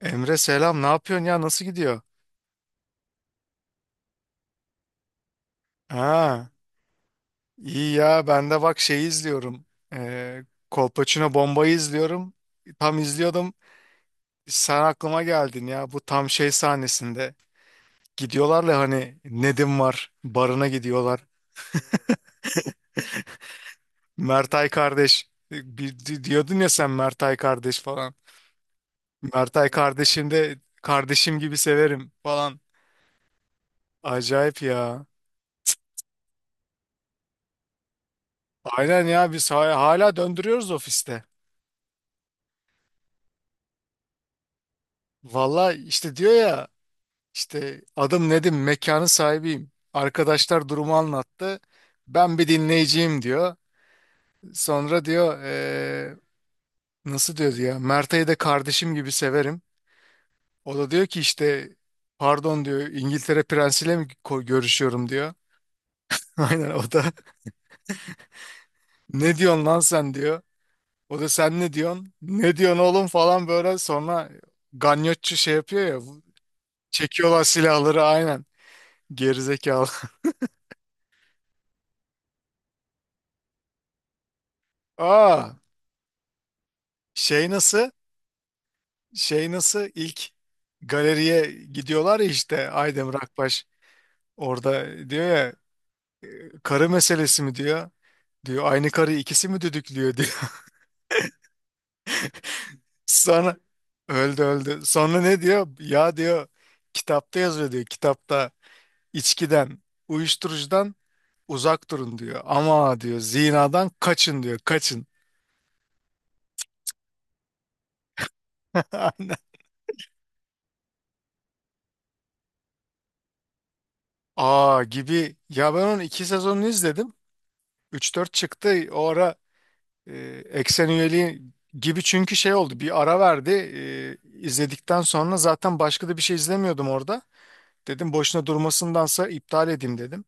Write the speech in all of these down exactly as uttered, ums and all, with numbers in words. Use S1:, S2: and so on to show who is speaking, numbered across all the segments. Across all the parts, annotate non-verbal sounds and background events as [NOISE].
S1: Emre selam ne yapıyorsun ya nasıl gidiyor? Ha iyi ya ben de bak şeyi izliyorum. Ee, Kolpaçino Bomba'yı izliyorum. Tam izliyordum sen aklıma geldin ya bu tam şey sahnesinde. Gidiyorlar ya hani Nedim var barına gidiyorlar. Mertay kardeş e, bir, di- diyordun ya sen Mertay kardeş falan. Mertay kardeşim de kardeşim gibi severim falan. Acayip ya. Aynen ya biz hala hala döndürüyoruz ofiste. Valla işte diyor ya İşte adım Nedim, mekanın sahibiyim. Arkadaşlar durumu anlattı. Ben bir dinleyiciyim diyor. Sonra diyor eee, nasıl diyor ya Mert'e de kardeşim gibi severim. O da diyor ki işte pardon diyor İngiltere prensiyle mi ko- görüşüyorum diyor. [LAUGHS] Aynen o da ne diyorsun lan sen diyor. O da sen ne diyorsun? Ne diyorsun oğlum falan böyle sonra ganyotçu şey yapıyor ya çekiyorlar silahları aynen gerizekalı. [LAUGHS] Aa şey nasıl? Şey nasıl ilk galeriye gidiyorlar ya işte Aydem Rakbaş orada diyor ya karı meselesi mi diyor. Diyor aynı karıyı ikisi mi düdüklüyor diyor. [LAUGHS] Sonra öldü öldü. Sonra ne diyor? Ya diyor kitapta yazıyor diyor. Kitapta içkiden, uyuşturucudan uzak durun diyor. Ama diyor zinadan kaçın diyor. Kaçın. [LAUGHS] Aynen. Aa gibi. Ya ben onun iki sezonunu izledim. Üç dört çıktı. O ara e, eksen üyeliği gibi çünkü şey oldu bir ara verdi. E, izledikten sonra zaten başka da bir şey izlemiyordum orada dedim boşuna durmasındansa iptal edeyim dedim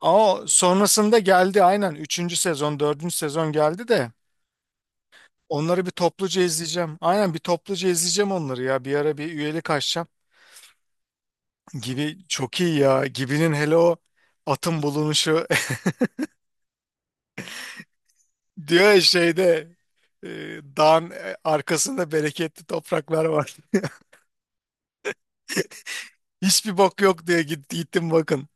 S1: ama o sonrasında geldi aynen üçüncü sezon dördüncü sezon geldi de onları bir topluca izleyeceğim aynen bir topluca izleyeceğim onları ya bir ara bir üyelik açacağım gibi çok iyi ya gibinin hele o atın bulunuşu. [LAUGHS] Diyor ya şeyde e, dağın e, arkasında bereketli topraklar var hiçbir bok yok diye git, gittim bakın.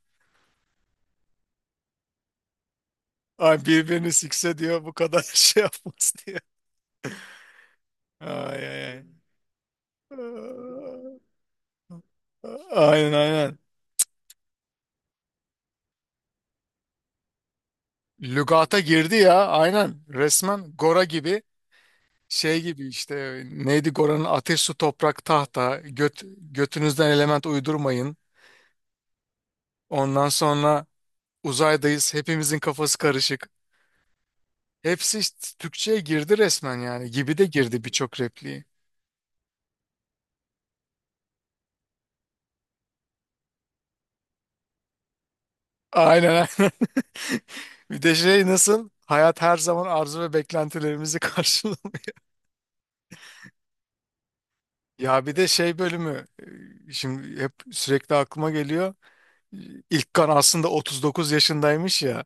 S1: Ay birbirini sikse diyor bu kadar [LAUGHS] şey yapmaz diyor. Ay ay ay. Aynen aynen. Lügata girdi ya aynen resmen Gora gibi şey gibi işte neydi Gora'nın ateş su toprak tahta göt, götünüzden element uydurmayın. Ondan sonra uzaydayız hepimizin kafası karışık. Hepsi işte Türkçe'ye girdi resmen yani gibi de girdi birçok repliği. Aynen aynen. [LAUGHS] Bir de şey nasıl? Hayat her zaman arzu ve beklentilerimizi karşılıyor. [LAUGHS] Ya bir de şey bölümü e, şimdi hep sürekli aklıma geliyor. İlk kan aslında otuz dokuz yaşındaymış ya.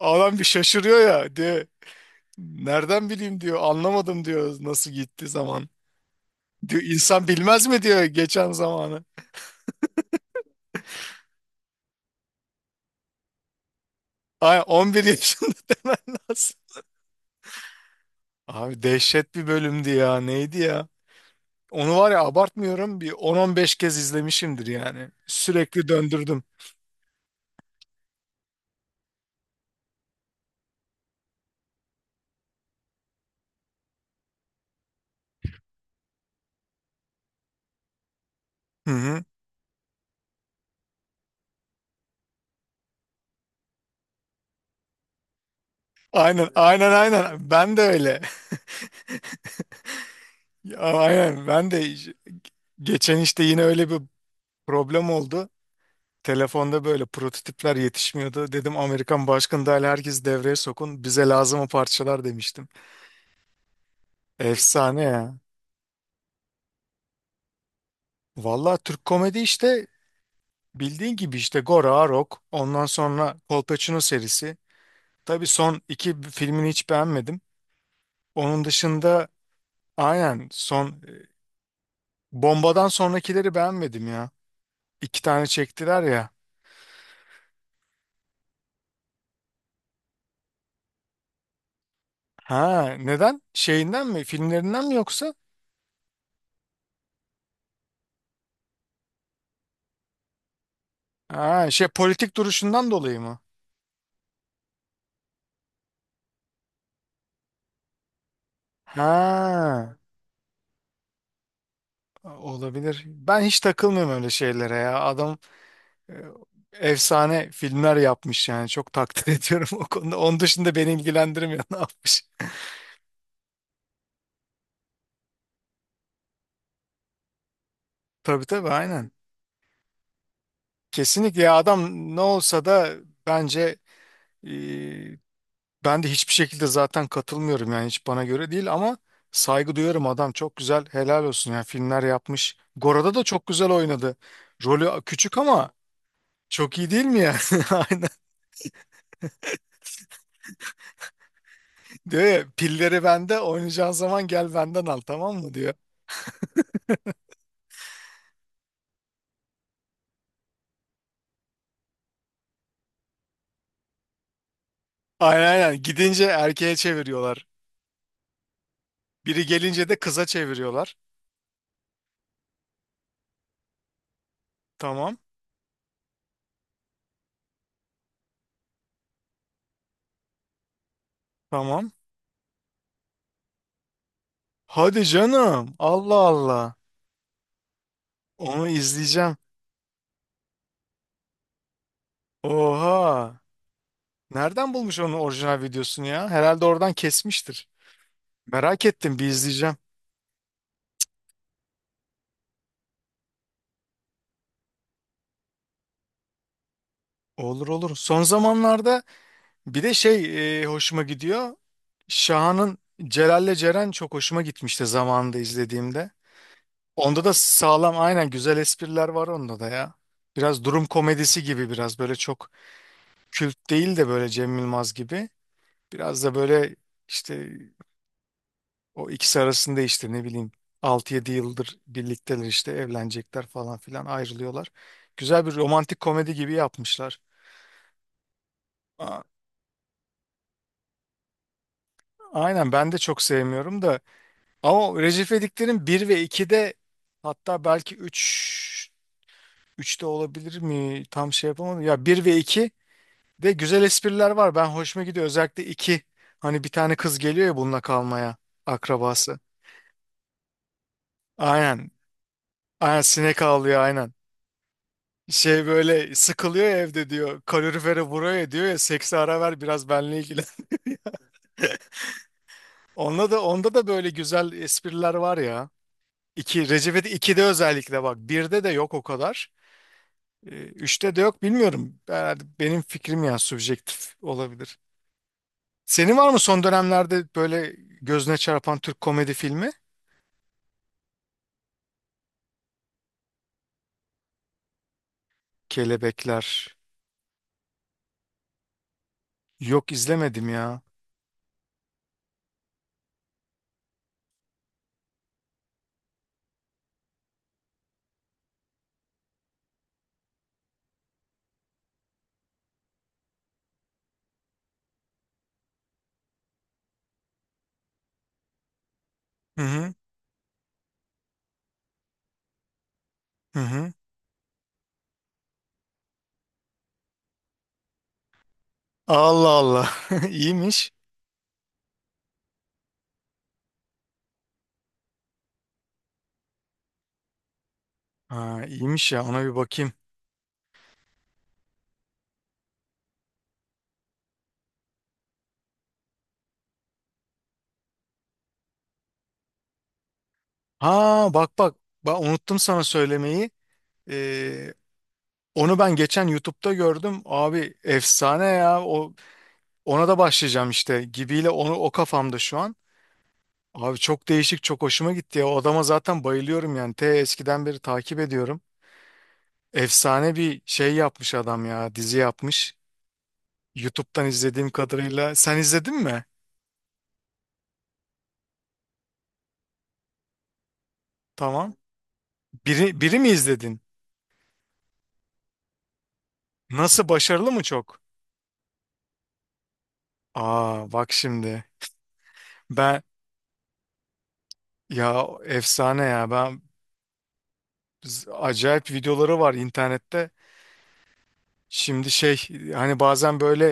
S1: Adam bir şaşırıyor ya diyor. Nereden bileyim diyor. Anlamadım diyor nasıl gitti zaman. Diyor insan bilmez mi diyor geçen zamanı. Ay on bir yaşında [LAUGHS] demen lazım. Abi dehşet bir bölümdü ya. Neydi ya? Onu var ya abartmıyorum bir on on beş kez izlemişimdir yani. Sürekli döndürdüm. Hı hı. Aynen aynen aynen ben de öyle. [LAUGHS] Ya, aynen ben de iş- geçen işte yine öyle bir problem oldu. Telefonda böyle prototipler yetişmiyordu. Dedim Amerikan başkanı dahil herkes devreye sokun bize lazım o parçalar demiştim. Efsane ya. Valla Türk komedi işte bildiğin gibi işte Gora, Rock ondan sonra Kolpaçino serisi. Tabii son iki filmini hiç beğenmedim. Onun dışında aynen son e, Bomba'dan sonrakileri beğenmedim ya. İki tane çektiler ya. Ha, neden? Şeyinden mi? Filmlerinden mi yoksa? Ha, şey politik duruşundan dolayı mı? Ha, olabilir. Ben hiç takılmıyorum öyle şeylere ya. Adam e, efsane filmler yapmış yani. Çok takdir [LAUGHS] ediyorum o konuda. Onun dışında beni ilgilendirmiyor [LAUGHS] ne yapmış. Tabii tabii aynen. Kesinlikle ya adam ne olsa da bence. Ben de hiçbir şekilde zaten katılmıyorum yani hiç bana göre değil ama saygı duyarım adam çok güzel helal olsun yani filmler yapmış. Gora'da da çok güzel oynadı. Rolü küçük ama çok iyi değil mi ya? [LAUGHS] Aynen diyor ya pilleri bende oynayacağın zaman gel benden al tamam mı diyor. Aynen aynen gidince erkeğe çeviriyorlar. Biri gelince de kıza çeviriyorlar. Tamam tamam. Hadi canım Allah Allah onu izleyeceğim. Oha. Nereden bulmuş onun orijinal videosunu ya? Herhalde oradan kesmiştir. Merak ettim bir izleyeceğim. Olur olur. Son zamanlarda bir de şey e, hoşuma gidiyor. Şahan'ın Celal'le Ceren çok hoşuma gitmişti zamanında izlediğimde. Onda da sağlam aynen güzel espriler var onda da ya. Biraz durum komedisi gibi biraz böyle çok kült değil de böyle Cem Yılmaz gibi. Biraz da böyle işte o ikisi arasında işte ne bileyim altı yedi yıldır birlikteler işte evlenecekler falan filan ayrılıyorlar. Güzel bir romantik komedi gibi yapmışlar. Aynen ben de çok sevmiyorum da ama Recep İvedik'lerin bir ve ikide hatta belki üç üçte olabilir mi? Tam şey yapamadım. Ya bir ve iki de güzel espriler var. Ben hoşuma gidiyor. Özellikle iki hani bir tane kız geliyor ya bununla kalmaya akrabası. Aynen. Aynen sinek avlıyor aynen. Şey böyle sıkılıyor ya evde diyor. Kalorifere vuruyor ya diyor ya seksi ara ver biraz benle ilgili. [LAUGHS] Onda da onda da böyle güzel espriler var ya. İki, Recep İvedik ikide özellikle bak. Birde de yok o kadar. Ee, üçte de yok bilmiyorum. Herhalde benim fikrim ya subjektif olabilir. Senin var mı son dönemlerde böyle gözüne çarpan Türk komedi filmi? Kelebekler. Yok izlemedim ya. Hı hı. Hı hı. Allah Allah. [LAUGHS] İyiymiş. Ha, iyiymiş ya ona bir bakayım. Ha bak bak. Ba- unuttum sana söylemeyi. Ee, onu ben geçen YouTube'da gördüm. Abi efsane ya. O Ona da başlayacağım işte gibiyle onu o kafamda şu an. Abi çok değişik çok hoşuma gitti ya. O adama zaten bayılıyorum yani. Te eskiden beri takip ediyorum. Efsane bir şey yapmış adam ya. Dizi yapmış. YouTube'dan izlediğim kadarıyla. Sen izledin mi? Tamam. Biri, biri mi izledin? Nasıl başarılı mı çok? Aa bak şimdi. Ben ya efsane ya. Ben z- acayip videoları var internette. Şimdi şey hani bazen böyle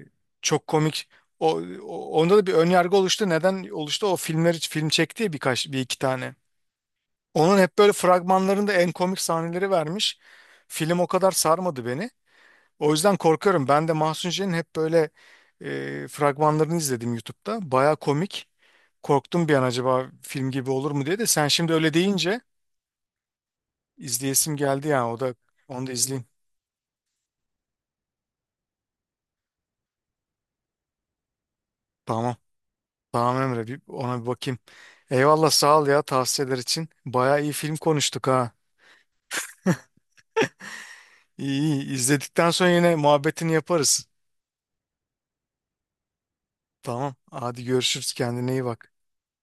S1: e, çok komik o, o- onda da bir ön yargı oluştu. Neden oluştu? O filmleri film çekti ya birkaç bir iki tane. Onun hep böyle fragmanlarında en komik sahneleri vermiş. Film o kadar sarmadı beni. O yüzden korkuyorum. Ben de Mahsun C'nin hep böyle e, fragmanlarını izledim YouTube'da. Baya komik. Korktum bir an acaba film gibi olur mu diye de sen şimdi öyle deyince izleyesim geldi ya o da onu da izleyeyim. Tamam. Tamam Emre bir ona bir bakayım. Eyvallah sağ ol ya tavsiyeler için. Baya iyi film konuştuk ha. İyi iyi izledikten sonra yine muhabbetini yaparız. Tamam hadi görüşürüz kendine iyi bak.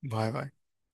S1: Bay bay.